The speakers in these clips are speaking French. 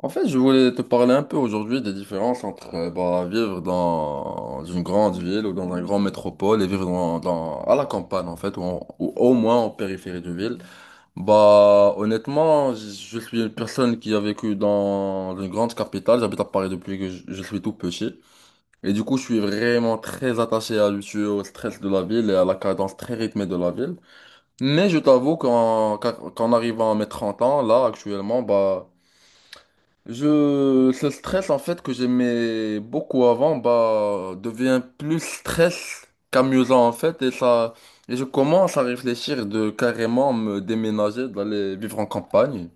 En fait, je voulais te parler un peu aujourd'hui des différences entre bah, vivre dans une grande ville ou dans un grand métropole et vivre à la campagne, en fait, ou au moins en périphérie de ville. Bah, honnêtement, je suis une personne qui a vécu dans une grande capitale. J'habite à Paris depuis que je suis tout petit. Et du coup, je suis vraiment très attaché à l'usure, au stress de la ville et à la cadence très rythmée de la ville. Mais je t'avoue qu'en arrivant à mes 30 ans, là, actuellement, bah, ce stress en fait que j'aimais beaucoup avant, bah, devient plus stress qu'amusant en fait et ça, et je commence à réfléchir de carrément me déménager, d'aller vivre en campagne.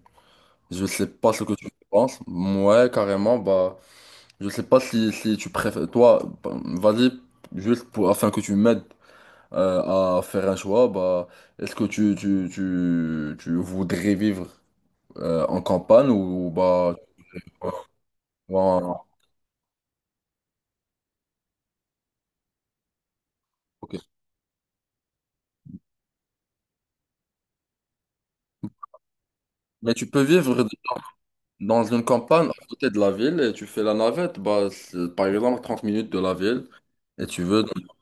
Je sais pas ce que tu penses. Ouais, carrément, bah, je sais pas si tu préfères, toi, bah, vas-y, juste pour, afin que tu m'aides à faire un choix, bah, est-ce que tu voudrais vivre en campagne ou, bah, tu- en- ok. Mais tu peux vivre dans une campagne à côté de la ville et tu fais la navette, bah, c'est, par exemple, 30 minutes de la ville et tu veux. dans-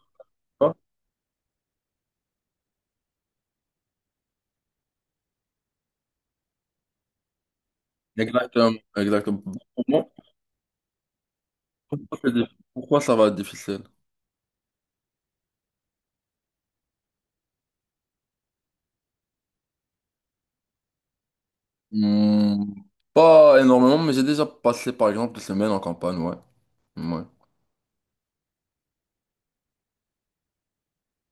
Exactement, exactement. Pour moi, pourquoi ça va être difficile? Hmm, pas énormément, mais j'ai déjà passé par exemple des semaines en campagne, ouais. Ouais.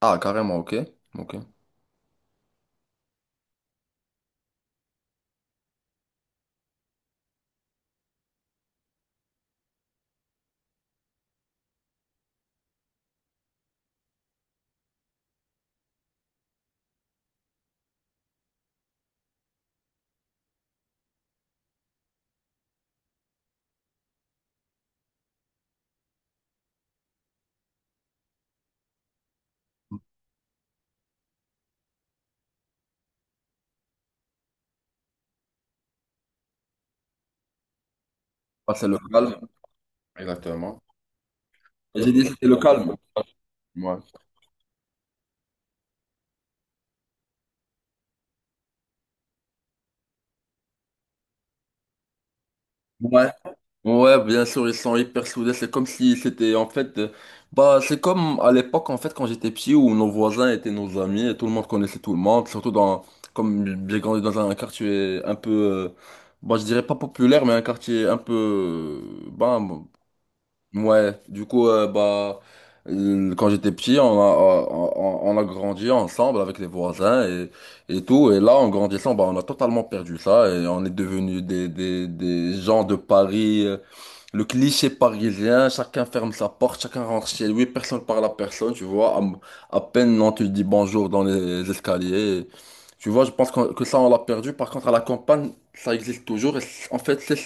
Ah, carrément, ok. Ok. Ah, c'est le calme. Exactement. J'ai dit c'était le calme. Ouais. Ouais. Ouais, bien sûr, ils sont hyper soudés. C'est comme si c'était en fait, bah, c'est comme à l'époque en fait quand j'étais petit où nos voisins étaient nos amis et tout le monde connaissait tout le monde. Surtout dans, comme j'ai grandi dans un quartier un peu, bah, je dirais pas populaire, mais un quartier un peu, bah, ouais, du coup, bah, quand j'étais petit, on a grandi ensemble avec les voisins et tout. Et là, en grandissant, bah, on a totalement perdu ça et on est devenu des gens de Paris, le cliché parisien. Chacun ferme sa porte, chacun rentre chez lui, personne parle à personne, tu vois. À peine on te dit bonjour dans les escaliers. Tu vois, je pense que ça, on l'a perdu. Par contre, à la campagne, ça existe toujours. Et en fait, c'est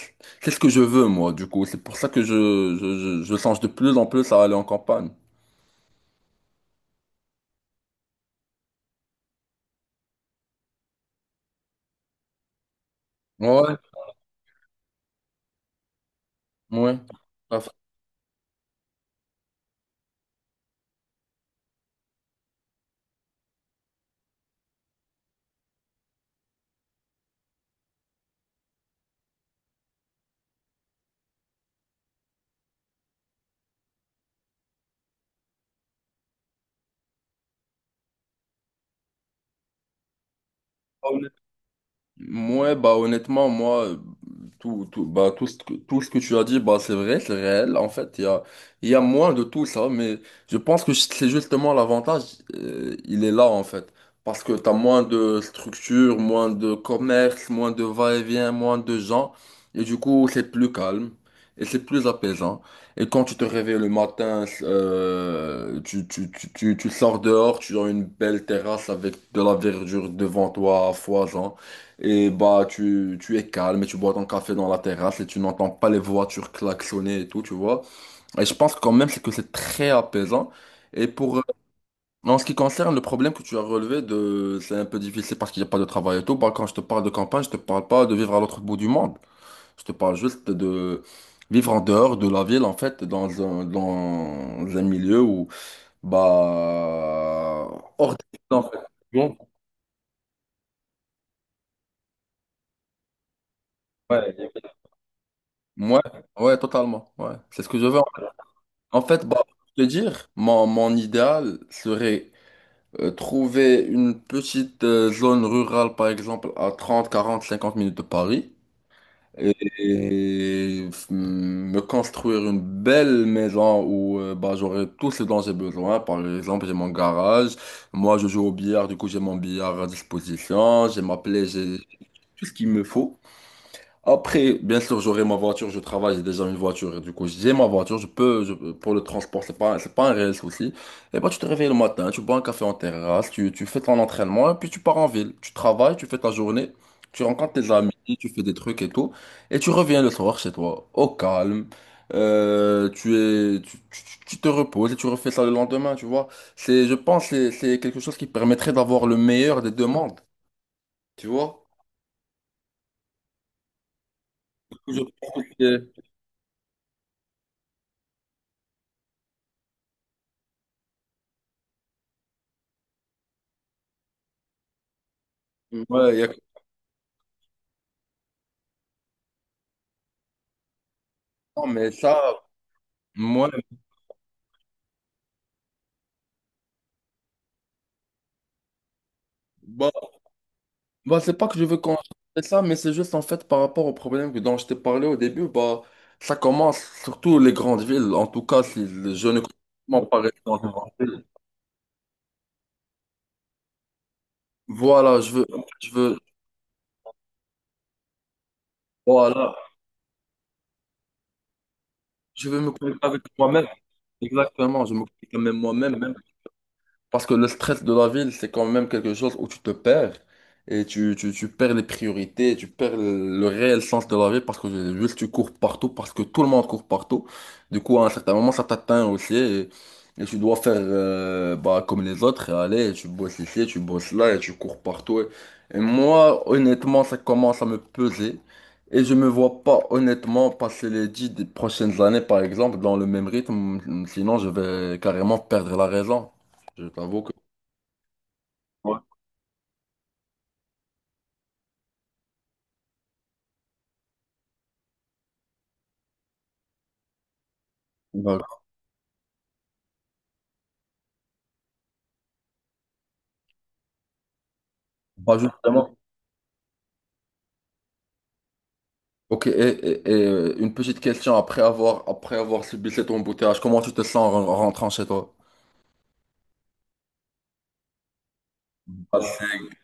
c'est ce que je veux, moi, du coup. C'est pour ça que je songe de plus en plus à aller en campagne. Ouais, ouais. Ouais, bah honnêtement, moi, bah, tout ce que tu as dit, bah, c'est vrai, c'est réel. En fait, il y a moins de tout ça, mais je pense que c'est justement l'avantage, il est là, en fait. Parce que tu as moins de structure, moins de commerce, moins de va-et-vient, moins de gens. Et du coup, c'est plus calme et c'est plus apaisant. Et quand tu te réveilles le matin, tu sors dehors, tu as une belle terrasse avec de la verdure devant toi à foison. Et bah, tu es calme et tu bois ton café dans la terrasse et tu n'entends pas les voitures klaxonner et tout, tu vois. Et je pense quand même c'est que c'est très apaisant. Et pour, en ce qui concerne le problème que tu as relevé de, c'est un peu difficile parce qu'il n'y a pas de travail et tout. Bah, quand je te parle de campagne, je te parle pas de vivre à l'autre bout du monde. Je te parle juste de vivre en dehors de la ville, en fait, dans un milieu où, bah, hors des villes, en fait. Bon, ouais, ouais, ouais, totalement. Ouais, c'est ce que je veux. En fait, bah, pour te dire, mon idéal serait trouver une petite zone rurale, par exemple, à 30, 40, 50 minutes de Paris, me construire une belle maison où bah, j'aurai tout ce dont j'ai besoin. Par exemple, j'ai mon garage, moi je joue au billard, du coup j'ai mon billard à disposition, j'ai ma plaie, j'ai tout ce qu'il me faut. Après, bien sûr, j'aurai ma voiture, je travaille, j'ai déjà une voiture, et du coup, j'ai ma voiture, pour le transport, c'est pas un réel souci. Et bah, tu te réveilles le matin, tu bois un café en terrasse, tu fais ton entraînement, et puis tu pars en ville. Tu travailles, tu fais ta journée, tu rencontres tes amis, tu fais des trucs et tout, et tu reviens le soir chez toi, au calme, tu es, tu- tu tu te reposes et tu refais ça le lendemain, tu vois. C'est, je pense, c'est quelque chose qui permettrait d'avoir le meilleur des deux mondes, tu vois. Du coup, je pense que ouais, il y a non, mais ça, moi, bah, bah, c'est pas que je veux qu'on ça, mais c'est juste en fait par rapport au problème dont je t'ai parlé au début, bah, ça commence surtout les grandes villes, en tout cas, si je ne comprends pas rester dans une grande ville. Voilà, je veux, voilà, je veux me connecter avec moi-même, exactement, je me connecte même moi-même, même. Parce que le stress de la ville, c'est quand même quelque chose où tu te perds et tu perds les priorités, tu perds le réel sens de la vie parce que juste tu cours partout, parce que tout le monde court partout. Du coup, à un certain moment, ça t'atteint aussi et tu dois faire bah, comme les autres et aller, tu bosses ici, tu bosses là et tu cours partout. Et moi, honnêtement, ça commence à me peser et je me vois pas honnêtement passer les 10 prochaines années, par exemple, dans le même rythme. Sinon, je vais carrément perdre la raison. Je t'avoue que. Ouais. Bah, pas justement. Ok, une petite question après avoir subi cet embouteillage, comment tu te sens en en rentrant chez toi? Bah, c'est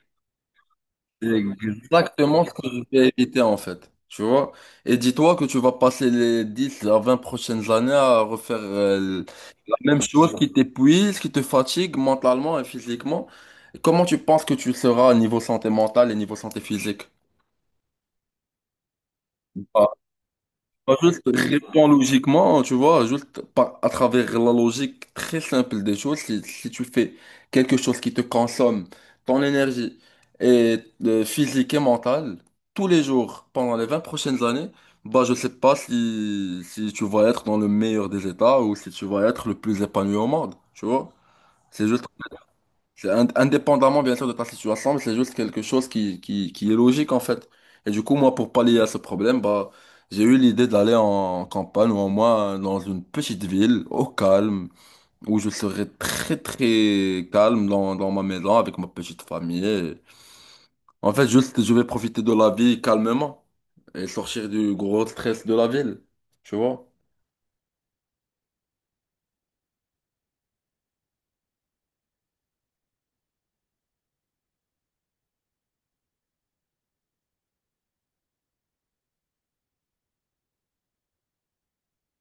c'est exactement ce que je vais éviter en fait, tu vois? Et dis-toi que tu vas passer les 10 à 20 prochaines années à refaire la même chose qui t'épuise, qui te fatigue mentalement et physiquement. Comment tu penses que tu seras au niveau santé mentale et niveau santé physique? Bah, juste réponds logiquement, tu vois, juste à travers la logique très simple des choses, si tu fais quelque chose qui te consomme ton énergie et physique et mentale tous les jours pendant les 20 prochaines années, bah je sais pas si tu vas être dans le meilleur des états ou si tu vas être le plus épanoui au monde, tu vois. C'est juste c'est indépendamment, bien sûr, de ta situation, mais c'est juste quelque chose qui est logique, en fait. Et du coup, moi, pour pallier à ce problème, bah, j'ai eu l'idée d'aller en campagne ou en moins dans une petite ville, au calme, où je serais très, très calme dans ma maison avec ma petite famille. Et en fait, juste, je vais profiter de la vie calmement et sortir du gros stress de la ville, tu vois.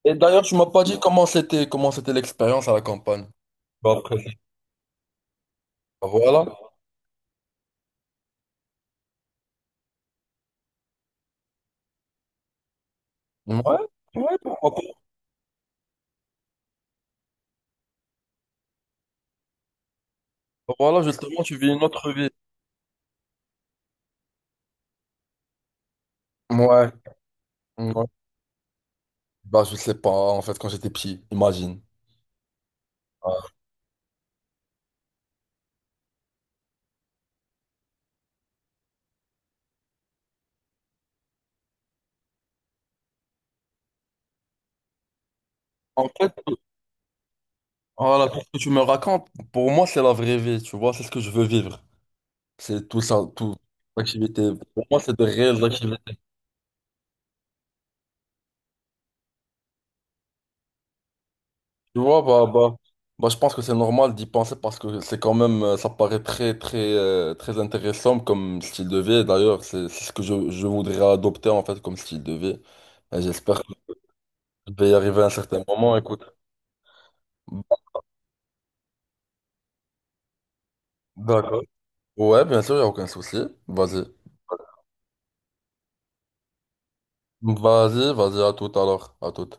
Et d'ailleurs, tu m'as pas dit comment c'était l'expérience à la campagne. Bah, après, voilà. Ouais, ouais, pourquoi. Voilà, justement, tu vis une autre vie. Ouais. Ouais. Bah, je sais pas, en fait, quand j'étais petit, imagine. Ouais. En fait, voilà, pour ce que tu me racontes, pour moi, c'est la vraie vie, tu vois, c'est ce que je veux vivre. C'est tout ça, tout, l'activité. Pour moi, c'est de réelles activités. Tu vois, bah, bah, bah, je pense que c'est normal d'y penser parce que c'est quand même, ça paraît très, très, très intéressant comme style de vie. D'ailleurs, c'est ce que je voudrais adopter, en fait, comme style de vie. Et j'espère que je vais y arriver à un certain moment, écoute. D'accord. Ouais, bien sûr, il n'y a aucun souci. Vas-y. Vas-y, vas-y, à tout alors. À tout.